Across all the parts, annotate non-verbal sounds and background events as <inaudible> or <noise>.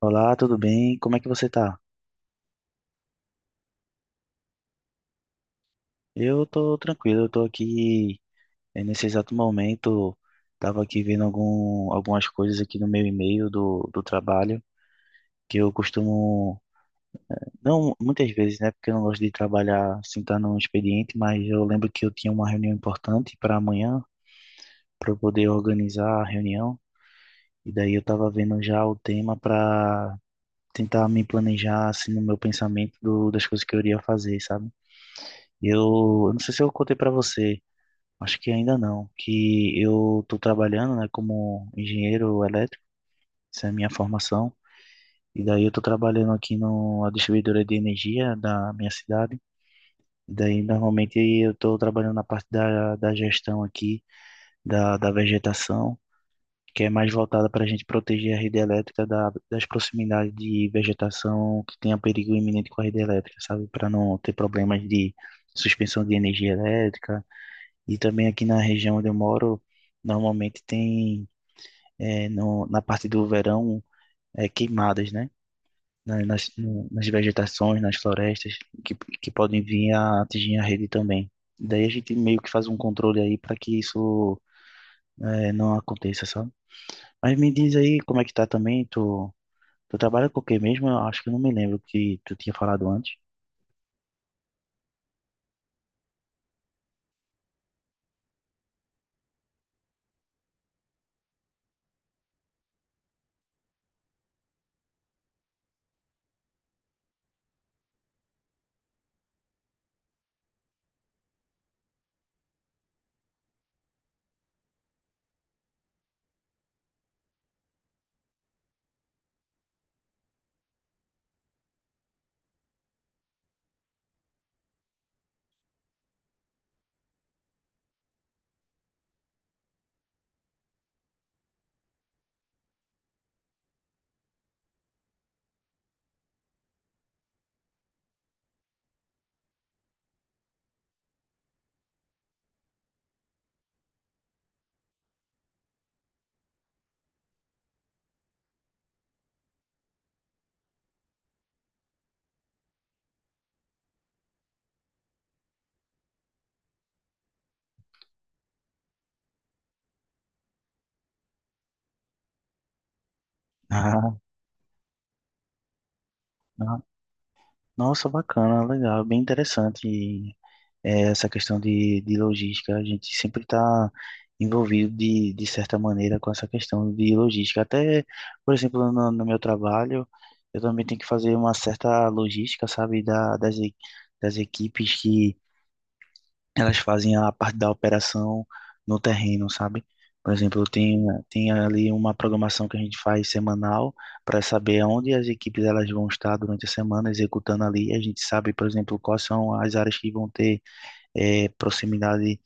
Olá, tudo bem? Como é que você tá? Eu tô tranquilo, eu tô aqui nesse exato momento, tava aqui vendo algumas coisas aqui no meu e-mail do trabalho, que eu costumo, não muitas vezes, né, porque eu não gosto de trabalhar sem estar no expediente, mas eu lembro que eu tinha uma reunião importante para amanhã, para eu poder organizar a reunião, e daí eu tava vendo já o tema para tentar me planejar, assim, no meu pensamento das coisas que eu iria fazer, sabe? Eu não sei se eu contei para você. Acho que ainda não, que eu estou trabalhando, né, como engenheiro elétrico, essa é a minha formação, e daí eu estou trabalhando aqui numa distribuidora de energia da minha cidade, e daí normalmente eu estou trabalhando na parte da gestão aqui, da vegetação, que é mais voltada para a gente proteger a rede elétrica das proximidades de vegetação que tenha perigo iminente com a rede elétrica, sabe, para não ter problemas de suspensão de energia elétrica. E também aqui na região onde eu moro, normalmente tem, é, no, na parte do verão, é, queimadas, né? Na- Nas, no- nas vegetações, nas florestas, que, que podem vir a atingir a rede também. Daí a gente meio que faz um controle aí para que isso, é, não aconteça, sabe? Mas me diz aí como é que tá também, tu trabalha com o quê mesmo? Eu acho que eu não me lembro que tu tinha falado antes. <laughs> Ah, ah, nossa, bacana, legal, bem interessante e, é, essa questão de logística. A gente sempre está envolvido de certa maneira com essa questão de logística. Até, por exemplo, no meu trabalho, eu também tenho que fazer uma certa logística, sabe, das equipes que elas fazem a parte da operação no terreno, sabe? Por exemplo, tem ali uma programação que a gente faz semanal para saber onde as equipes elas vão estar durante a semana executando ali. A gente sabe, por exemplo, quais são as áreas que vão ter proximidade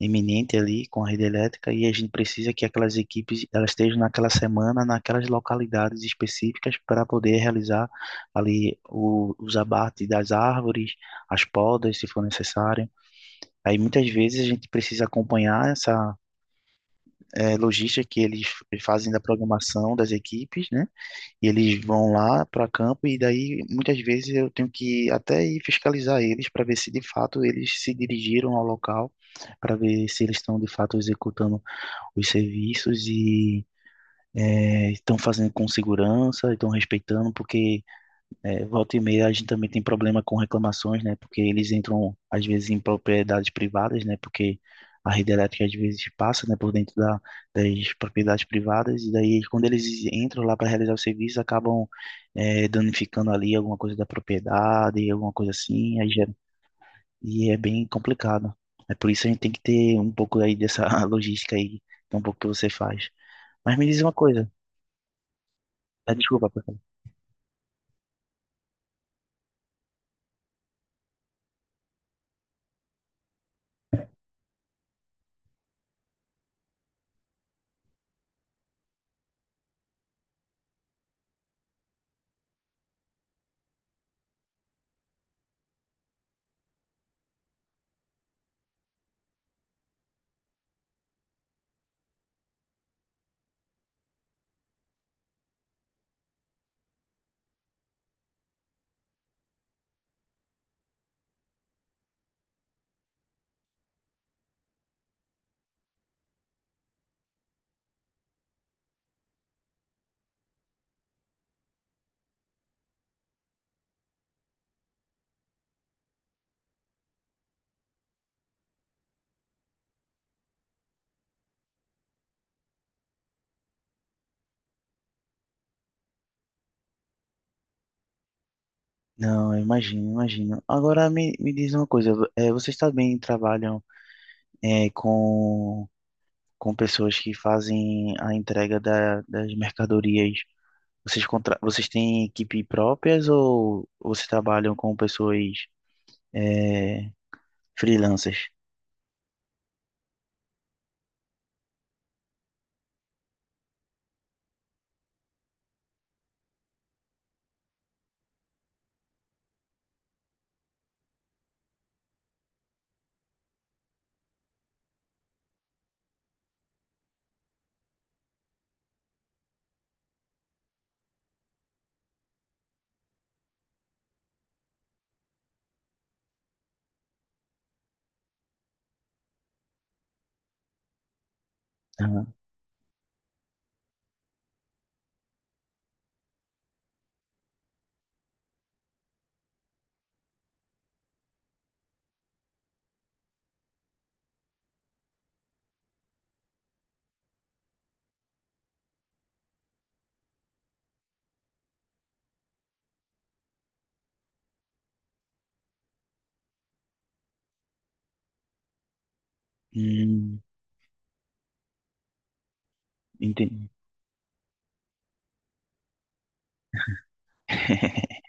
iminente ali com a rede elétrica e a gente precisa que aquelas equipes elas estejam naquela semana, naquelas localidades específicas para poder realizar ali os abates das árvores, as podas, se for necessário. Aí muitas vezes a gente precisa acompanhar essa logística que eles fazem da programação das equipes, né? E eles vão lá para campo e daí muitas vezes eu tenho que até ir fiscalizar eles para ver se de fato eles se dirigiram ao local, para ver se eles estão de fato executando os serviços e estão fazendo com segurança, estão respeitando, porque é, volta e meia a gente também tem problema com reclamações, né? Porque eles entram às vezes em propriedades privadas, né? Porque a rede elétrica às vezes passa, né, por dentro das propriedades privadas e daí quando eles entram lá para realizar o serviço acabam é, danificando ali alguma coisa da propriedade, alguma coisa assim, aí e é bem complicado. É por isso a gente tem que ter um pouco aí dessa <laughs> logística aí, que é um pouco que você faz. Mas me diz uma coisa, ah, desculpa. Não, eu imagino, imagino. Agora me diz uma coisa, vocês também trabalham eh, com, com pessoas que fazem a entrega das mercadorias? Vocês, vocês têm equipe próprias ou vocês trabalham com pessoas eh, freelancers? Aham. Hum, entendi. <laughs>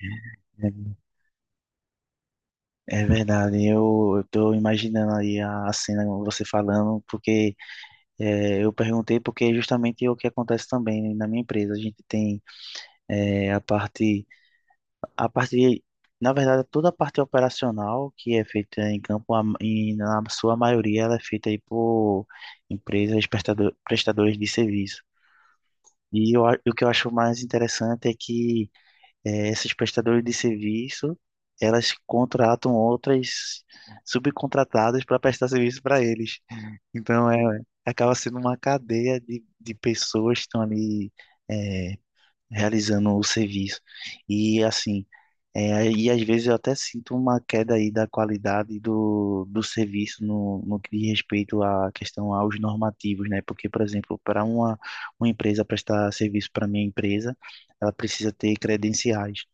É verdade, eu estou imaginando aí a cena, você falando, porque eu perguntei porque justamente é o que acontece também né, na minha empresa. A gente tem é, a parte, na verdade, toda a parte operacional que é feita em campo, na sua maioria, ela é feita aí por empresas prestadores de serviço. E o que eu acho mais interessante é que esses prestadores de serviço, elas contratam outras subcontratadas para prestar serviço para eles. Então, é, acaba sendo uma cadeia de pessoas que estão ali é, realizando o serviço. E assim, é, e às vezes eu até sinto uma queda aí da qualidade do serviço no que diz respeito à questão aos normativos, né? Porque, por exemplo, para uma empresa prestar serviço para minha empresa, ela precisa ter credenciais,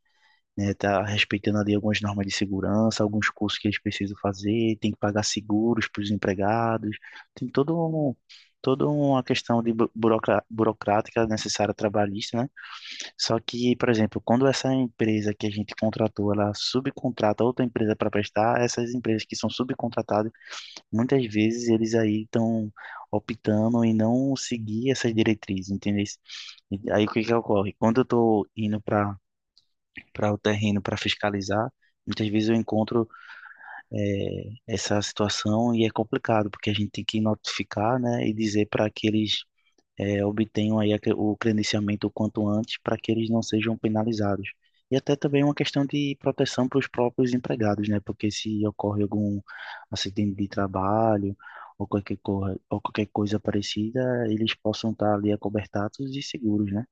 né? Tá respeitando ali algumas normas de segurança, alguns cursos que eles precisam fazer, tem que pagar seguros para os empregados, tem toda uma questão de burocrática necessária trabalhista, né? Só que, por exemplo, quando essa empresa que a gente contratou, ela subcontrata outra empresa para prestar, essas empresas que são subcontratadas, muitas vezes eles aí estão optando em não seguir essas diretrizes, entendeu? E aí o que que ocorre? Quando eu estou indo para o terreno para fiscalizar, muitas vezes eu encontro essa situação e é complicado, porque a gente tem que notificar, né, e dizer para que eles obtenham aí o credenciamento o quanto antes para que eles não sejam penalizados. E até também uma questão de proteção para os próprios empregados, né? Porque se ocorre algum acidente de trabalho ou ou qualquer coisa parecida, eles possam estar ali acobertados e seguros, né?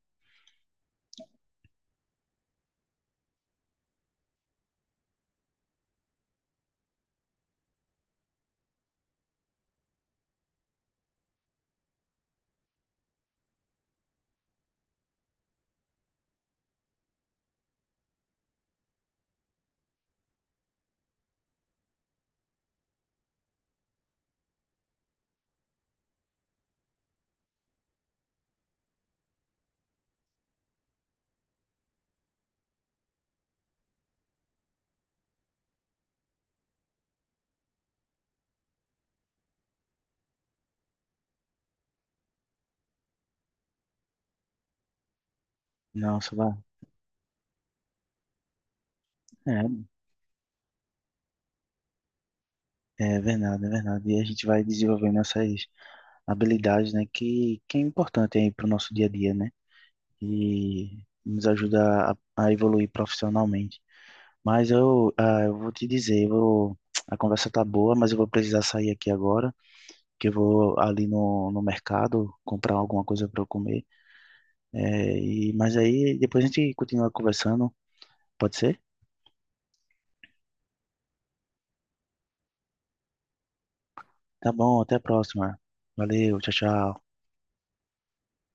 Nossa, vai. É. É verdade, é verdade. E a gente vai desenvolvendo essas habilidades, né, que é importante aí para o nosso dia a dia, né? E nos ajuda a evoluir profissionalmente. Mas eu, ah, eu vou te dizer, eu vou, a conversa tá boa, mas eu vou precisar sair aqui agora, que eu vou ali no mercado comprar alguma coisa para eu comer. É, e, mas aí depois a gente continua conversando, pode ser? Tá bom, até a próxima. Valeu, tchau, tchau.